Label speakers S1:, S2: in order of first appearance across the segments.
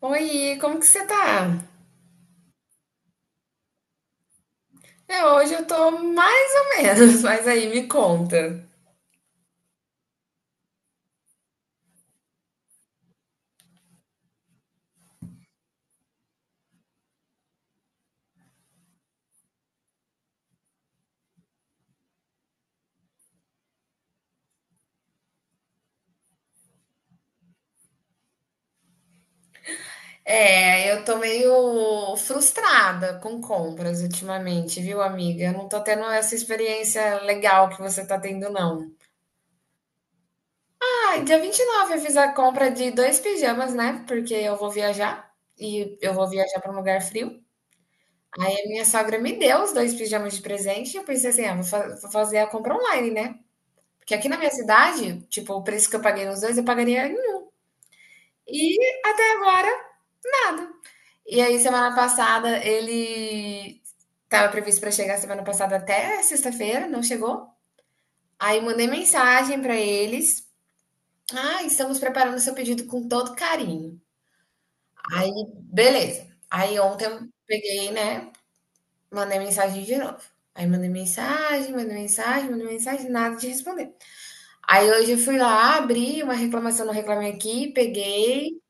S1: Oi, como que você tá? É, hoje eu tô mais ou menos, mas aí me conta. É, eu tô meio frustrada com compras ultimamente, viu, amiga? Eu não tô tendo essa experiência legal que você tá tendo, não. Ah, e dia 29 eu fiz a compra de dois pijamas, né? Porque eu vou viajar e eu vou viajar pra um lugar frio. E minha sogra me deu os dois pijamas de presente e eu pensei assim, ah, vou fazer a compra online, né? Porque aqui na minha cidade, tipo, o preço que eu paguei nos dois, eu pagaria. E até agora, nada. E aí, semana passada, ele estava previsto para chegar semana passada até sexta-feira, não chegou. Aí mandei mensagem para eles. Ah, estamos preparando seu pedido com todo carinho. Aí, beleza. Aí ontem eu peguei, né? Mandei mensagem de novo. Aí mandei mensagem, mandei mensagem, mandei mensagem, nada de responder. Aí hoje eu fui lá, abri uma reclamação no Reclame Aqui, peguei.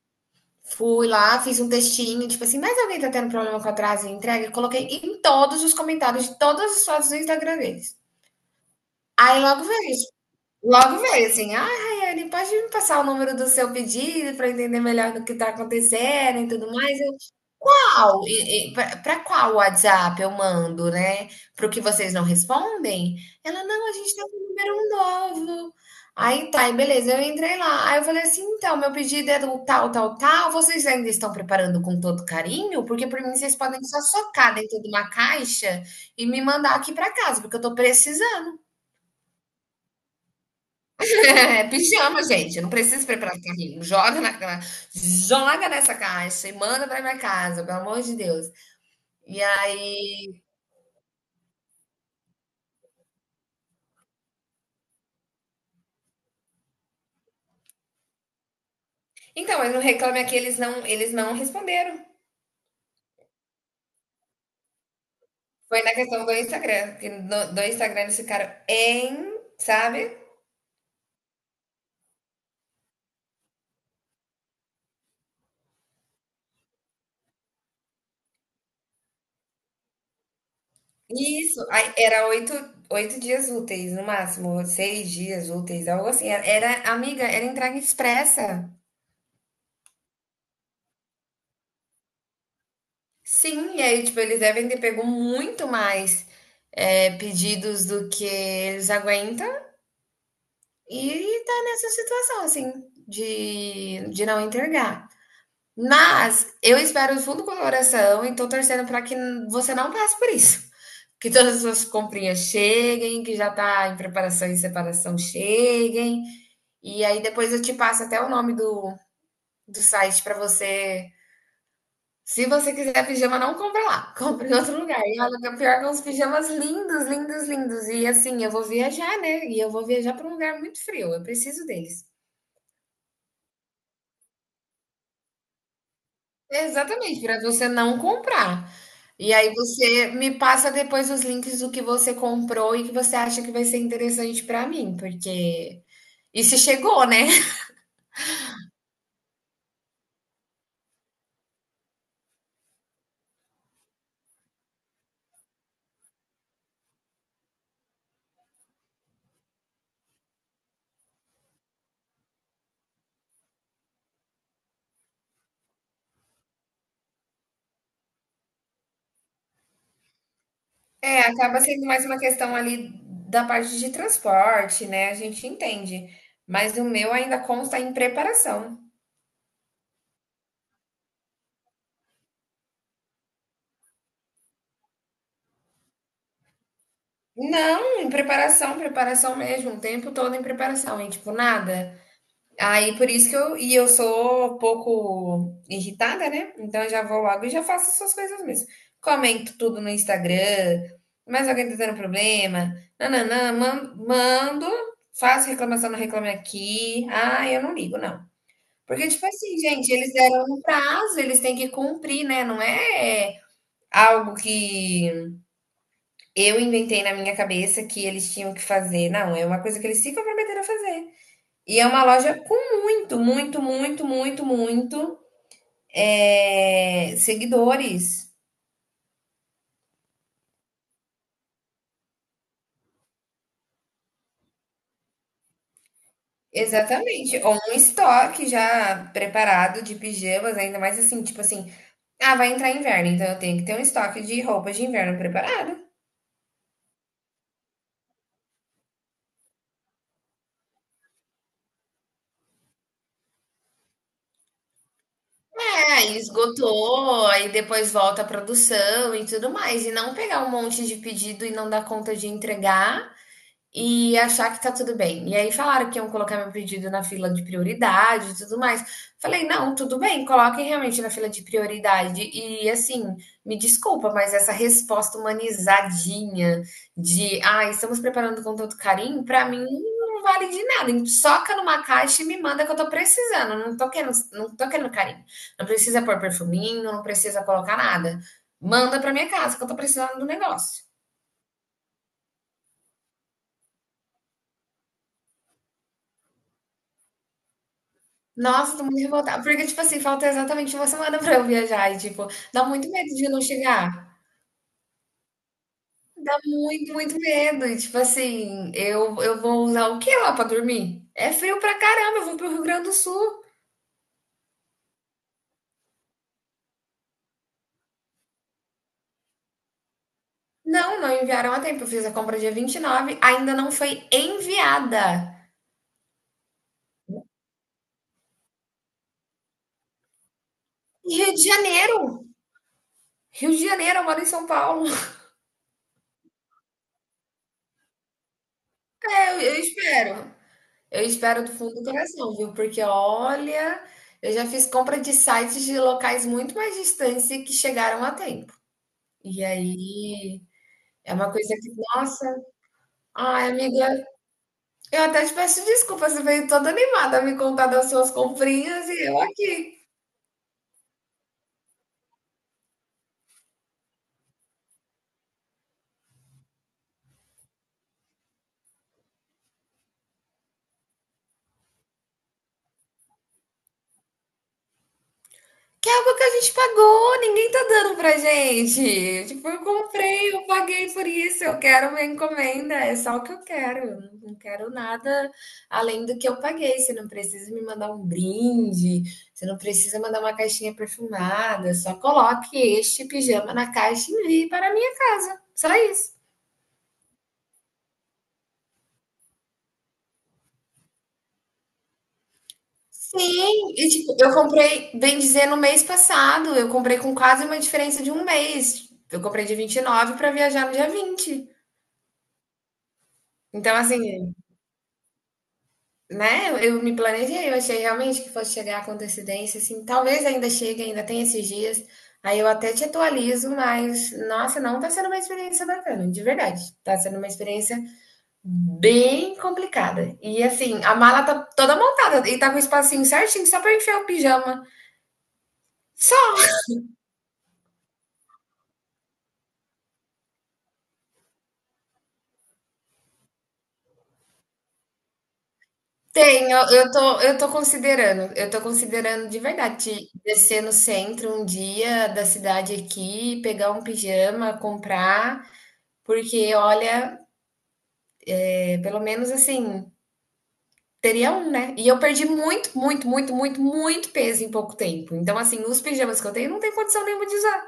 S1: Fui lá, fiz um textinho, tipo assim, mas alguém tá tendo problema com atraso e entrega? Eu coloquei em todos os comentários de todas as fotos do Instagram deles. Aí logo veio assim, ah, Rayane, pode me passar o número do seu pedido para entender melhor do que tá acontecendo e tudo mais? Qual? E para qual WhatsApp eu mando, né? Para o que vocês não respondem? Ela, não, a gente está com um número novo. Aí tá, e beleza, eu entrei lá. Aí eu falei assim: então, meu pedido é do tal, tal, tal. Vocês ainda estão preparando com todo carinho? Porque por mim vocês podem só socar dentro de uma caixa e me mandar aqui para casa, porque eu tô precisando. É pijama, gente. Eu não preciso preparar carrinho. Joga na joga nessa caixa e manda para minha casa, pelo amor de Deus. E aí. Então, mas no Reclame Aqui eles não responderam. Foi na questão do Instagram, que do Instagram eles ficaram em, sabe? Isso, aí era 8, 8 dias úteis, no máximo, 6 dias úteis, algo assim. Era, amiga, era entrega expressa. Sim, e aí, tipo, eles devem ter pego muito mais pedidos do que eles aguentam e tá nessa situação, assim, de não entregar. Mas eu espero do fundo do coração e tô torcendo para que você não passe por isso. Que todas as suas comprinhas cheguem, que já tá em preparação e separação cheguem, e aí depois eu te passo até o nome do do site para você, se você quiser pijama, não compra lá, compra em outro lugar. E olha que o pior é que é uns pijamas lindos, lindos, lindos. E assim, eu vou viajar, né, e eu vou viajar para um lugar muito frio, eu preciso deles. Exatamente, para você não comprar. E aí você me passa depois os links do que você comprou e que você acha que vai ser interessante para mim, porque isso chegou, né? É, acaba sendo mais uma questão ali da parte de transporte, né? A gente entende, mas o meu ainda consta em preparação. Não, em preparação, preparação mesmo, o tempo todo em preparação, e tipo, nada. Aí por isso que eu sou um pouco irritada, né? Então eu já vou logo e já faço essas coisas mesmo. Comento tudo no Instagram, mais alguém tá tendo problema, nananã, mando, faço reclamação no Reclame Aqui. Ah, eu não ligo, não. Porque, tipo assim, gente, eles deram um prazo, eles têm que cumprir, né? Não é algo que eu inventei na minha cabeça que eles tinham que fazer. Não, é uma coisa que eles se comprometeram a fazer. E é uma loja com muito, muito, muito, muito, muito seguidores. Exatamente. Ou um estoque já preparado de pijamas, ainda mais assim, tipo assim, ah, vai entrar inverno, então eu tenho que ter um estoque de roupas de inverno preparado. É, aí esgotou, aí depois volta a produção e tudo mais. E não pegar um monte de pedido e não dar conta de entregar. E achar que tá tudo bem. E aí falaram que iam colocar meu pedido na fila de prioridade e tudo mais. Falei, não, tudo bem, coloquem realmente na fila de prioridade. E assim, me desculpa, mas essa resposta humanizadinha de ah, estamos preparando com tanto carinho, pra mim não vale de nada. Soca numa caixa e me manda que eu tô precisando. Não tô querendo, não tô querendo carinho. Não precisa pôr perfuminho, não precisa colocar nada. Manda pra minha casa que eu tô precisando do negócio. Nossa, tô muito revoltada, porque, tipo assim, falta exatamente uma semana pra eu viajar e, tipo, dá muito medo de não chegar. Dá muito, muito medo e, tipo assim, eu vou usar o que lá pra dormir? É frio pra caramba, eu vou pro Rio Grande do Sul. Não, não enviaram a tempo, eu fiz a compra dia 29. Ainda não foi enviada. Rio de Janeiro! Rio de Janeiro, eu moro em São Paulo. É, eu espero. Eu espero do fundo do coração, viu? Porque olha, eu já fiz compra de sites de locais muito mais distantes e que chegaram a tempo. E aí é uma coisa que, nossa, ai, amiga, eu até te peço desculpa, você veio toda animada a me contar das suas comprinhas e eu aqui. Que é algo que a gente pagou, ninguém tá dando pra gente. Tipo, eu comprei, eu paguei por isso, eu quero uma encomenda, é só o que eu quero. Eu não quero nada além do que eu paguei. Você não precisa me mandar um brinde, você não precisa mandar uma caixinha perfumada, só coloque este pijama na caixa e envie para a minha casa. Só isso. Sim, e tipo, eu comprei, bem dizer, no mês passado, eu comprei com quase uma diferença de um mês. Eu comprei de 29 para viajar no dia 20. Então, assim, né, eu me planejei, eu achei realmente que fosse chegar com antecedência, assim, talvez ainda chegue, ainda tem esses dias, aí eu até te atualizo, mas, nossa, não tá sendo uma experiência bacana, de verdade. Tá sendo uma experiência bem complicada. E, assim, a mala tá toda montada e tá com o espacinho certinho só pra enfiar o pijama. Só tem, eu tô considerando de verdade descer no centro um dia da cidade aqui, pegar um pijama, comprar. Porque, olha, é, pelo menos assim, teria um, né? E eu perdi muito, muito, muito, muito, muito peso em pouco tempo. Então, assim, os pijamas que eu tenho não tem condição nenhuma de usar.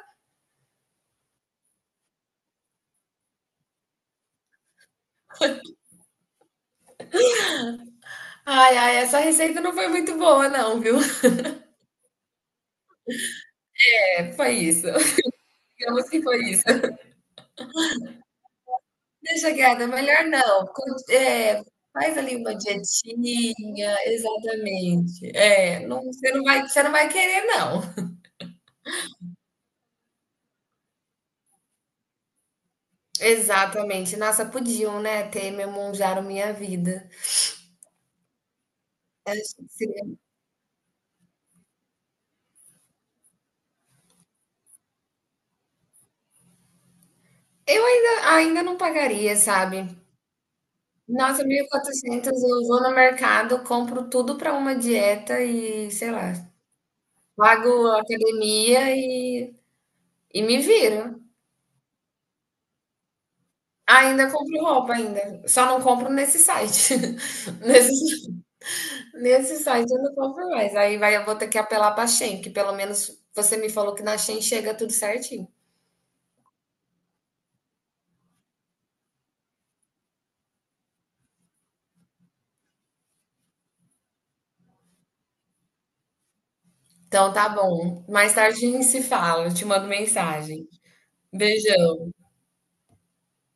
S1: Ai, ai, essa receita não foi muito boa, não, viu? É, foi isso. Digamos que foi isso. Deixa quieto, é melhor não. Faz ali uma dietinha, exatamente. É, não, você não vai querer, não. Exatamente. Nossa, podiam, né, ter memonjado minha vida. Eu ainda não pagaria, sabe. Nossa, 1.400 eu vou no mercado, compro tudo para uma dieta e, sei lá, pago a academia e me viro. Ainda compro roupa ainda, só não compro nesse site. Nesse nesse site eu não compro mais, aí vai eu vou ter que apelar pra Shein, que pelo menos você me falou que na Shein chega tudo certinho. Então tá bom, mais tarde a gente se fala, eu te mando mensagem. Beijão.